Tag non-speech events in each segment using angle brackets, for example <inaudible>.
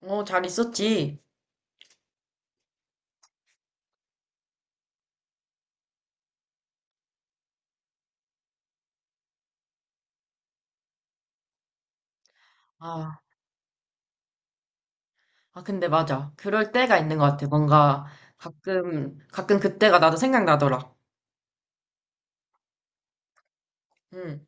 어, 잘 있었지. 아, 아, 근데 맞아. 그럴 때가 있는 것 같아. 뭔가 가끔 그때가 나도 생각나더라. 응.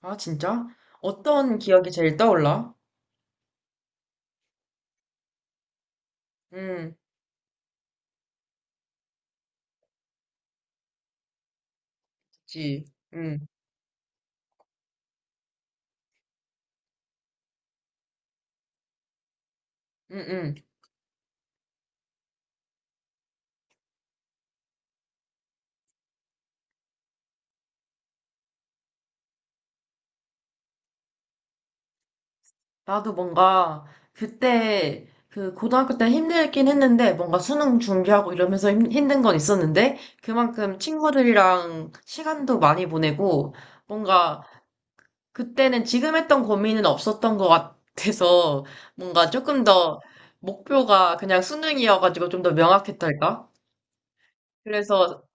아, 진짜? 어떤 기억이 제일 떠올라? 응, 그치. 응, 응, 응. 나도 뭔가 그때, 그 고등학교 때 힘들긴 했는데, 뭔가 수능 준비하고 이러면서 힘든 건 있었는데, 그만큼 친구들이랑 시간도 많이 보내고, 뭔가 그때는 지금 했던 고민은 없었던 것 같아서 뭔가 조금 더 목표가 그냥 수능이어가지고 좀 더 명확했달까? 그래서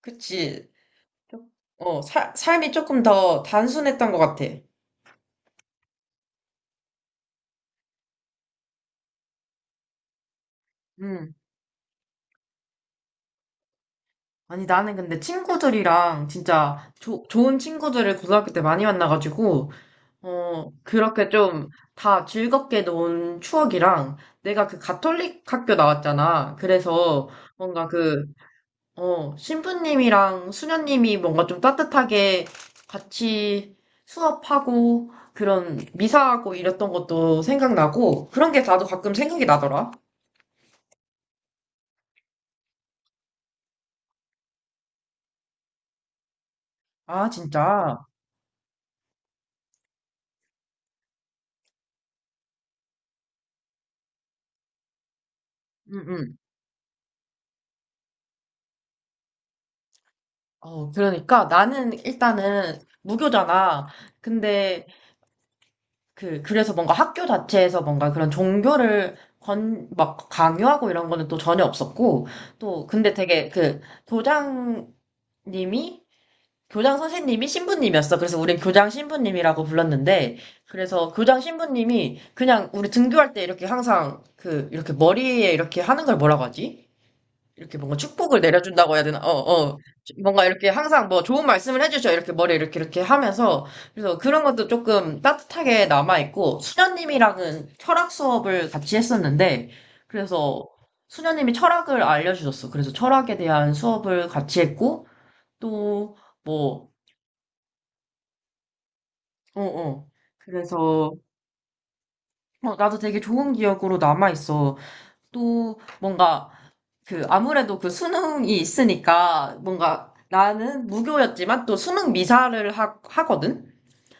그치. 좀- 어, 삶이 조금 더 단순했던 것 같아. 음. 아니 나는 근데 친구들이랑 진짜 좋은 친구들을 고등학교 때 많이 만나가지고 어 그렇게 좀 다 즐겁게 논 추억이랑 내가 그 가톨릭 학교 나왔잖아. 그래서 뭔가 그 어, 신부님이랑 수녀님이 뭔가 좀 따뜻하게 같이 수업하고 그런 미사하고 이랬던 것도 생각나고 그런 게 나도 가끔 생각이 나더라. 아, 진짜. 응, 응. 어, 그러니까 나는 일단은 무교잖아. 근데 그래서 뭔가 학교 자체에서 뭔가 그런 종교를 막 강요하고 이런 거는 또 전혀 없었고 또 근데 되게 그 도장님이 교장 선생님이 신부님이었어. 그래서 우린 교장 신부님이라고 불렀는데, 그래서 교장 신부님이 그냥 우리 등교할 때 이렇게 항상 그, 이렇게 머리에 이렇게 하는 걸 뭐라고 하지? 이렇게 뭔가 축복을 내려준다고 해야 되나? 어, 어. 뭔가 이렇게 항상 뭐 좋은 말씀을 해주셔. 이렇게 머리에 이렇게 이렇게 하면서. 그래서 그런 것도 조금 따뜻하게 남아있고, 수녀님이랑은 철학 수업을 같이 했었는데, 그래서 수녀님이 철학을 알려주셨어. 그래서 철학에 대한 수업을 같이 했고, 또, 뭐, 어, 어. 그래서, 어, 나도 되게 좋은 기억으로 남아있어. 또, 뭔가, 그, 아무래도 그 수능이 있으니까, 뭔가, 나는 무교였지만 또 수능 미사를 하거든?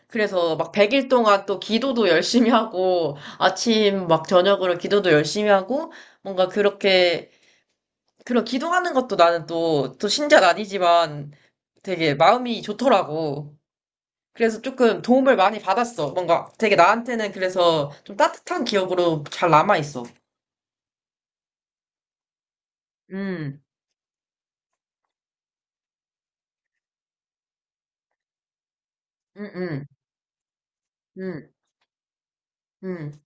그래서 막 100일 동안 또 기도도 열심히 하고, 아침 막 저녁으로 기도도 열심히 하고, 뭔가 그렇게, 그런 기도하는 것도 나는 또 신자는 아니지만 되게 마음이 좋더라고. 그래서 조금 도움을 많이 받았어. 뭔가 되게 나한테는 그래서 좀 따뜻한 기억으로 잘 남아있어. 음, 음, 음, 음, 음.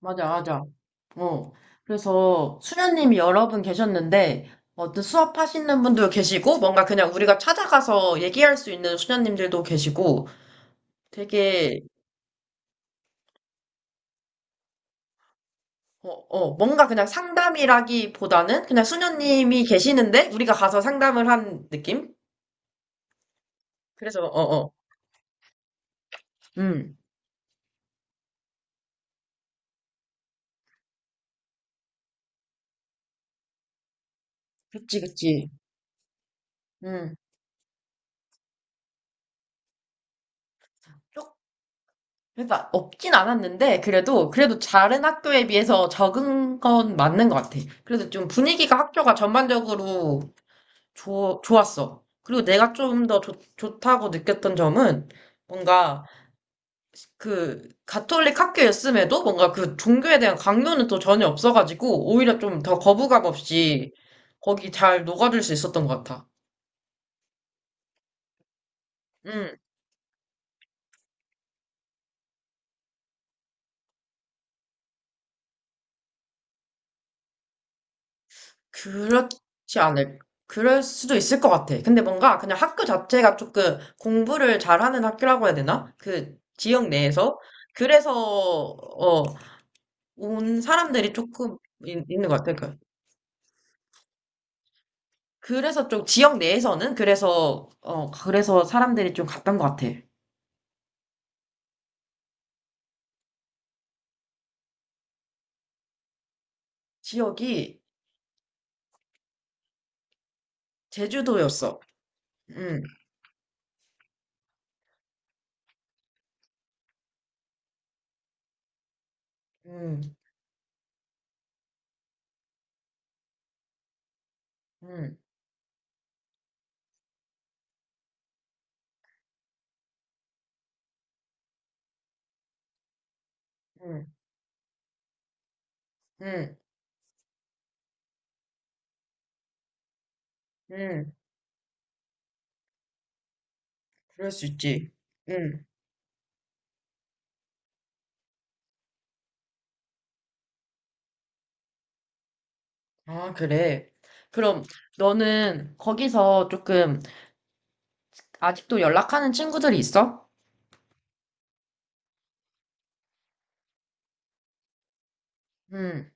맞아, 맞아. 어. 그래서 수녀님이 여러 분 계셨는데, 어떤 수업하시는 분도 계시고, 뭔가 그냥 우리가 찾아가서 얘기할 수 있는 수녀님들도 계시고, 되게, 어, 어, 뭔가 그냥 상담이라기보다는 그냥 수녀님이 계시는데, 우리가 가서 상담을 한 느낌? 그래서, 어, 어. 음. 그치, 그치. 음. 그러니까 없진 않았는데 그래도 다른 학교에 비해서 적은 건 맞는 것 같아. 그래도 좀 분위기가 학교가 전반적으로 좋 좋았어. 그리고 내가 좀 더 좋다고 느꼈던 점은 뭔가 그 가톨릭 학교였음에도 뭔가 그 종교에 대한 강요는 또 전혀 없어가지고 오히려 좀 더 거부감 없이 거기 잘 녹아들 수 있었던 것 같아. 음. 그렇지 않을, 그럴 수도 있을 것 같아. 근데 뭔가 그냥 학교 자체가 조금 공부를 잘하는 학교라고 해야 되나? 그 지역 내에서. 그래서, 어, 온 사람들이 조금 있, 는것 같아. 그러니까 그래서 좀 지역 내에서는 그래서, 어, 그래서 사람들이 좀 갔던 것 같아. 지역이 제주도였어. 응, 응, 응, 응, 응, 응. 그럴 수 있지. 응. 아, 그래. 그럼 너는 거기서 조금 아직도 연락하는 친구들이 있어? 응.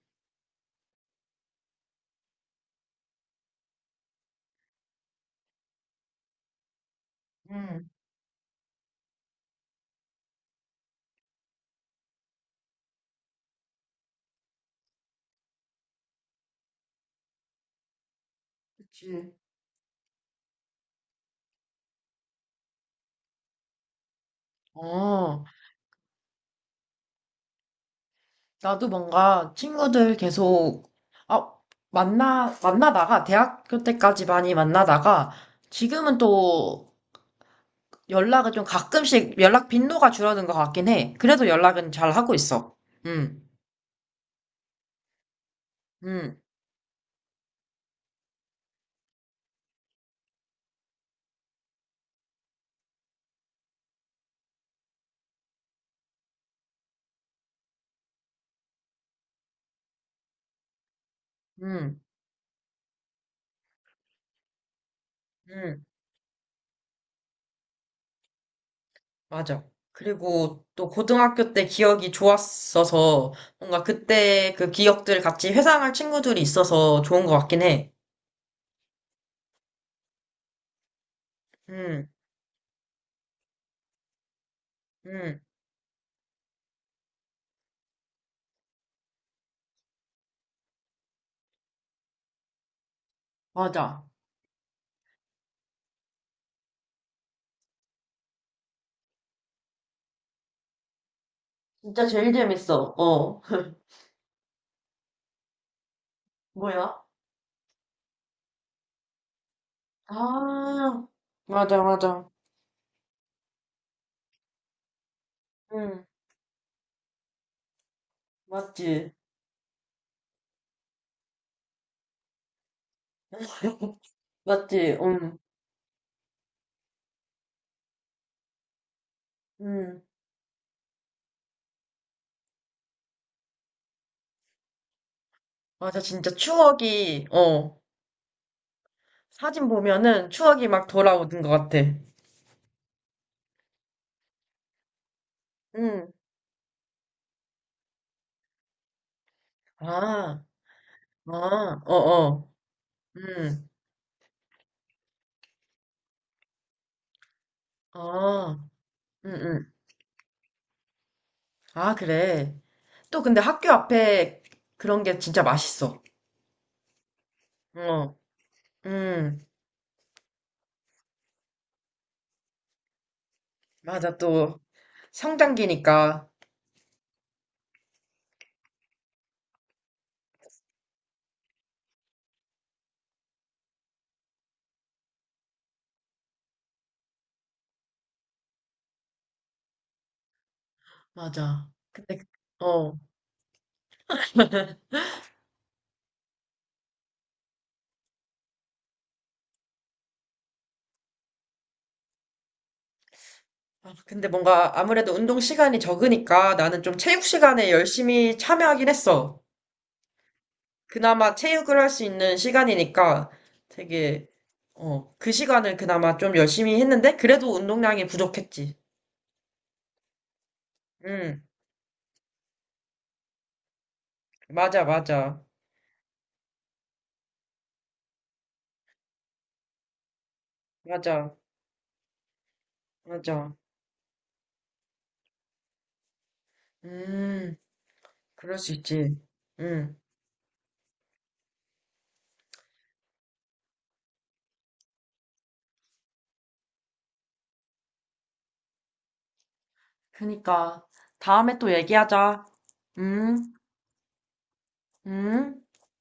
응, 그치. 어, 나도 뭔가 친구들 계속, 아, 만나다가, 대학교 때까지 많이 만나다가, 지금은 또 연락을 좀 가끔씩 연락 빈도가 줄어든 것 같긴 해. 그래도 연락은 잘 하고 있어. 응, 응, 응, 응. 맞아. 그리고 또 고등학교 때 기억이 좋았어서 뭔가 그때 그 기억들 같이 회상할 친구들이 있어서 좋은 것 같긴 해. 응 응 맞아. 진짜 제일 재밌어. 어. <laughs> 뭐야? 아, 맞아, 맞아. 응, 맞지. <laughs> 맞지, 응, 응. 맞아, 진짜 추억이, 어, 사진 보면은 추억이 막 돌아오는 것 같아. 응, 아, 아, 어 어, 응, 아. 응, 응. 아, 그래. 또 근데 학교 앞에 그런 게 진짜 맛있어. 어, 음, 맞아. 또 성장기니까. 맞아. 근데, 어. <laughs> 아, 근데 뭔가 아무래도 운동 시간이 적으니까 나는 좀 체육 시간에 열심히 참여하긴 했어. 그나마 체육을 할 수 있는 시간이니까 되게, 어, 그 시간을 그나마 좀 열심히 했는데 그래도 운동량이 부족했지. 응, 맞아, 맞아. 맞아, 맞아. 음. 그럴 수 있지. 응. 그니까. 다음에 또 얘기하자. 응? 응?